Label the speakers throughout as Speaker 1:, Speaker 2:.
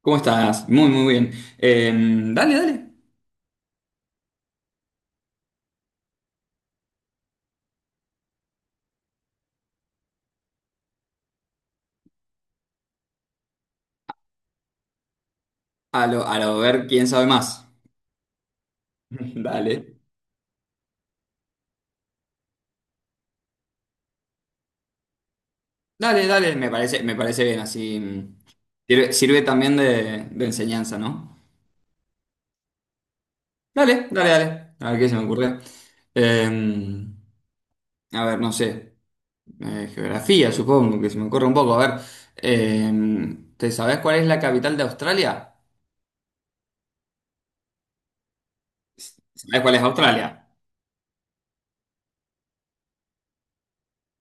Speaker 1: ¿Cómo estás? Muy, muy bien. Dale, dale. A lo ver quién sabe más. Dale. Dale, dale, me parece bien, así sirve también de enseñanza, ¿no? Dale, dale, dale. A ver qué se me ocurre. Em, a ver, no sé. Geografía, supongo, que se me ocurre un poco. A ver, ¿te sabes cuál es la capital de Australia? ¿Sabes cuál es Australia?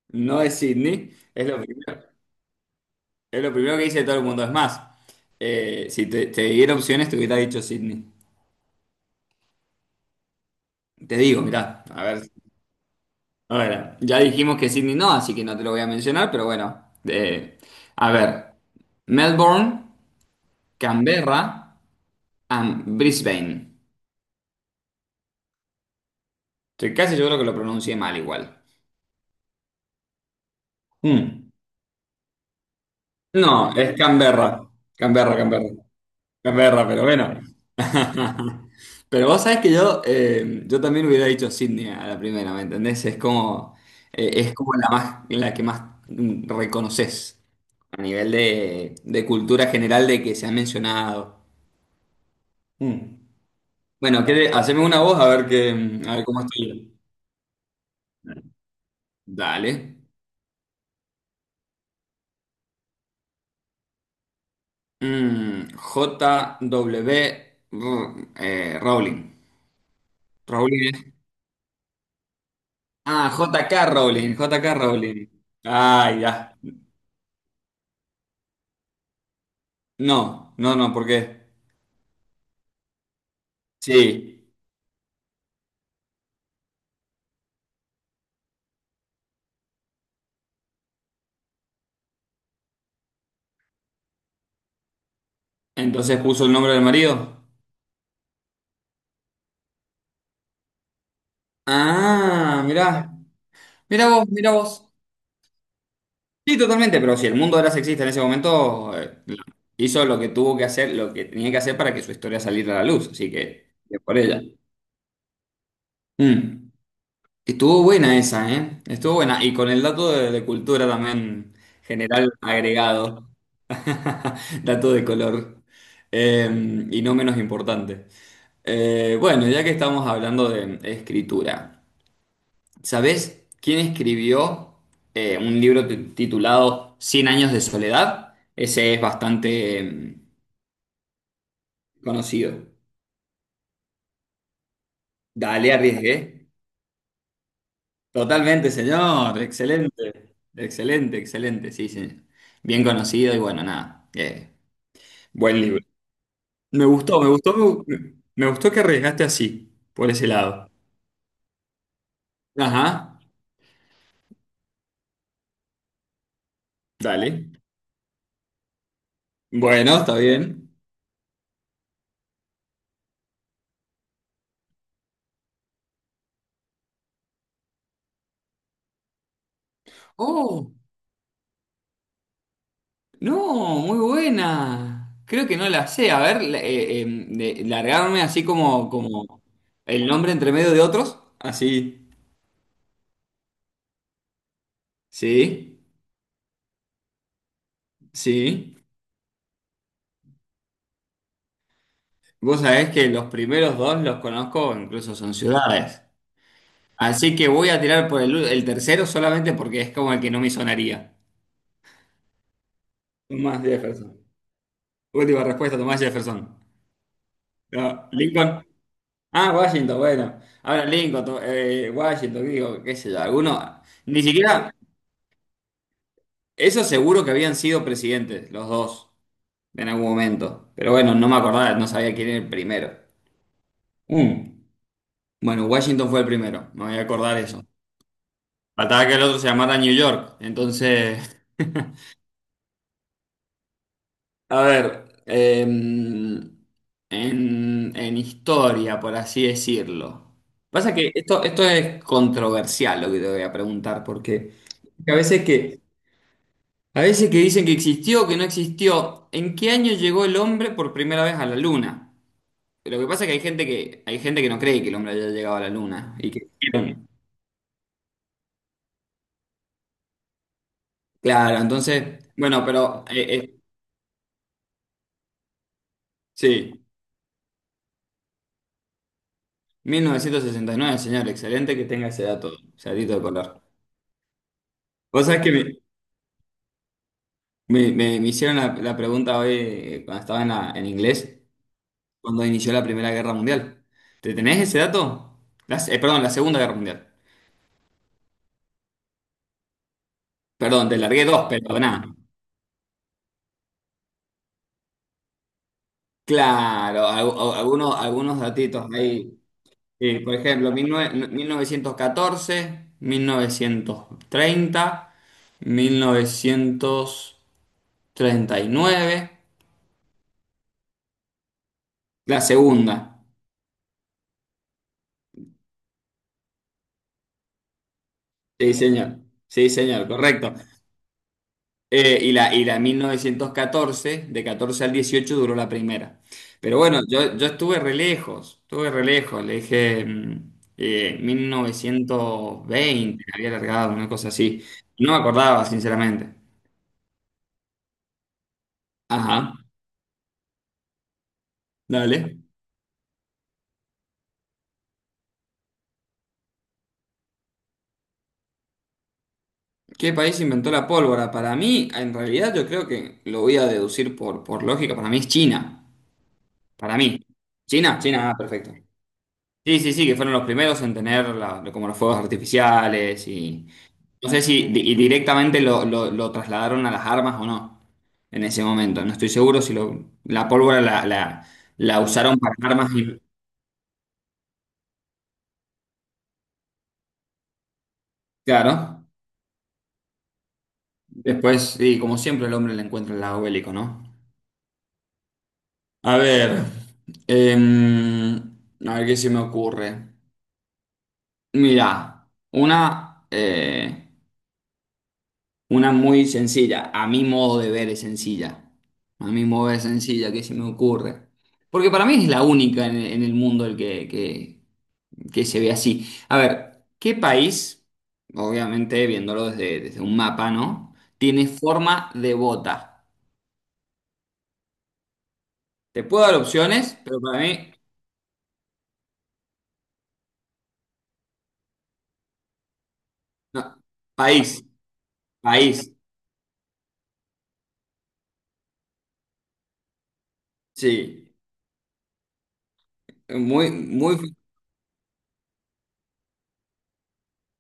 Speaker 1: No es Sydney, es lo primero. Es lo primero que dice todo el mundo. Es más, si te diera opciones, te hubiera dicho Sydney. Te digo, mirá, a ver, ya dijimos que Sydney no, así que no te lo voy a mencionar, pero bueno. A ver, Melbourne, Canberra, and Brisbane. Estoy casi seguro que lo pronuncié mal igual. Mm. No, es Canberra. Canberra, Canberra. Es verdad, pero bueno. Pero vos sabés que yo también hubiera dicho Sydney a la primera, ¿me entendés? Es como la más, la que más reconoces a nivel de cultura general de que se ha mencionado. Mm. Bueno, haceme una voz a ver que, a ver cómo estoy. Dale. J W Rowling. Rowling es- Ah, J.K. Rowling, J.K. Rowling. Ah, ya. No, no, no, ¿por qué? Sí. Entonces puso el nombre del marido. Ah, mirá. Mirá vos, mirá vos. Sí, totalmente, pero si el mundo era sexista en ese momento, hizo lo que tuvo que hacer, lo que tenía que hacer para que su historia saliera a la luz, así que, bien por ella. Mm. Estuvo buena esa, ¿eh? Estuvo buena. Y con el dato de cultura también general agregado. Dato de color. Y no menos importante. Bueno, ya que estamos hablando de escritura, ¿sabés quién escribió un libro titulado Cien años de soledad? Ese es bastante conocido. Dale, arriesgué. Totalmente, señor. Excelente. Excelente, excelente. Sí, sí. Bien conocido y bueno, nada. Buen libro. Me gustó, me gustó, me gustó que arriesgaste así, por ese lado. Ajá. Dale. Bueno, está bien. Oh. No, muy buena. Creo que no la sé. A ver, largarme así como el nombre entre medio de otros. Así. Sí, sí. Sí. Vos sabés que los primeros dos los conozco, incluso son ciudades. Así que voy a tirar por el tercero solamente porque es como el que no me sonaría. Tomás Jefferson. Última respuesta, Tomás Jefferson. No, Lincoln. Ah, Washington, bueno. Ahora Lincoln, Washington, digo, qué sé yo, alguno. Ni siquiera. Eso seguro que habían sido presidentes, los dos, en algún momento. Pero bueno, no me acordaba, no sabía quién era el primero. Mm. Bueno, Washington fue el primero, me voy a acordar eso. Faltaba que el otro se llamara New York. Entonces, a ver, en historia, por así decirlo. Pasa que esto es controversial lo que te voy a preguntar, porque a veces que, a veces que dicen que existió, que no existió, ¿en qué año llegó el hombre por primera vez a la luna? Lo que pasa es que hay gente que no cree que el hombre haya llegado a la luna. Y que, claro, entonces, bueno, pero sí, 1969, señor, excelente que tenga ese dato, ese datito de color. Vos sabés que me hicieron la pregunta hoy, cuando estaba en inglés, cuando inició la Primera Guerra Mundial. ¿Te tenés ese dato? Perdón, la Segunda Guerra Mundial. Perdón, te largué dos, pero nada. Claro, algunos datitos ahí. Sí, por ejemplo, mil novecientos catorce, 1930, 1939, la segunda. Sí, señor. Sí, señor, correcto. Y la 1914, de 14 al 18 duró la primera. Pero bueno, yo estuve re lejos, estuve re lejos. Le dije 1920, había alargado, una cosa así. No me acordaba, sinceramente. Ajá, dale. ¿Qué país inventó la pólvora? Para mí, en realidad yo creo que lo voy a deducir por, lógica, para mí es China. Para mí. China, China, ah, perfecto. Sí, sí, sí, que fueron los primeros en tener como los fuegos artificiales y no sé si y directamente lo trasladaron a las armas o no en ese momento. No estoy seguro si la pólvora la usaron para armas y claro, después, y como siempre el hombre le encuentra el lado bélico, ¿no? A ver, em, a ver qué se me ocurre. Mira, una muy sencilla, a mi modo de ver es sencilla, a mi modo de ver es sencilla que se me ocurre. Porque para mí es la única en el mundo el que se ve así. A ver, ¿qué país, obviamente viéndolo desde un mapa, ¿no? Tiene forma de bota. Te puedo dar opciones, pero para mí, no. País, país, sí. Muy, muy,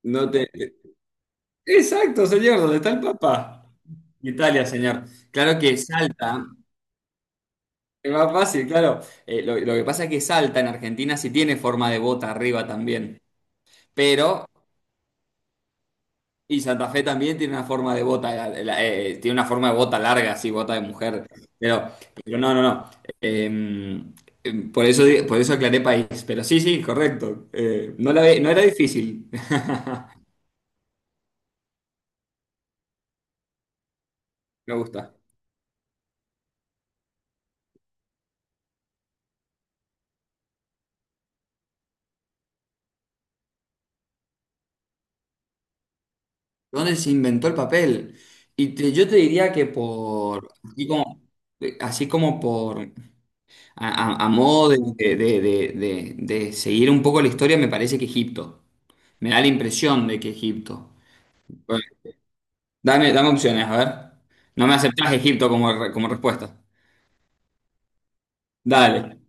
Speaker 1: no te... Exacto, señor, ¿dónde está el papá? Italia, señor. Claro que Salta, es más fácil, claro. Lo que pasa es que Salta en Argentina sí tiene forma de bota arriba también, pero, y Santa Fe también tiene una forma de bota, tiene una forma de bota larga, sí, bota de mujer, pero, pero no, no, no. Eh, por eso aclaré país, pero sí, sí, correcto. No era difícil. Me gusta. ¿Dónde se inventó el papel? Y yo te diría que por, así como por, a, a modo de seguir un poco la historia, me parece que Egipto. Me da la impresión de que Egipto. Bueno, dame opciones, a ver. No me aceptás Egipto como respuesta. Dale,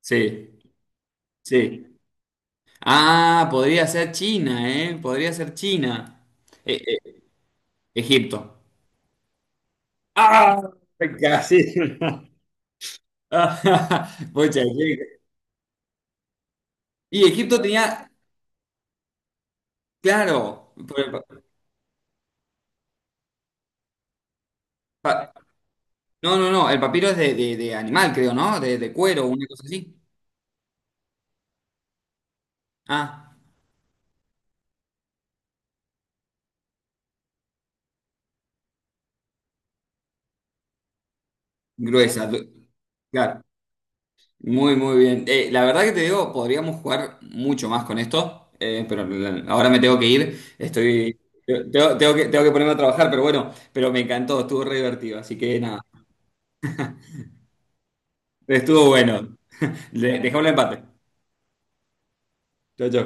Speaker 1: sí, sí. Ah, podría ser China, ¿eh? Podría ser China. Eh, eh, Egipto. ¡Ah! Casi. Pucha, y Egipto tenía, claro, por el pa- no, no, no, el papiro es de animal, creo, ¿no? De cuero, una cosa así. Ah, gruesa, claro, muy, muy bien. La verdad que te digo, podríamos jugar mucho más con esto, pero ahora me tengo que ir, estoy, tengo que ponerme a trabajar, pero bueno, pero me encantó, estuvo re divertido, así que nada, estuvo bueno. Dejamos el empate. Chau, chau.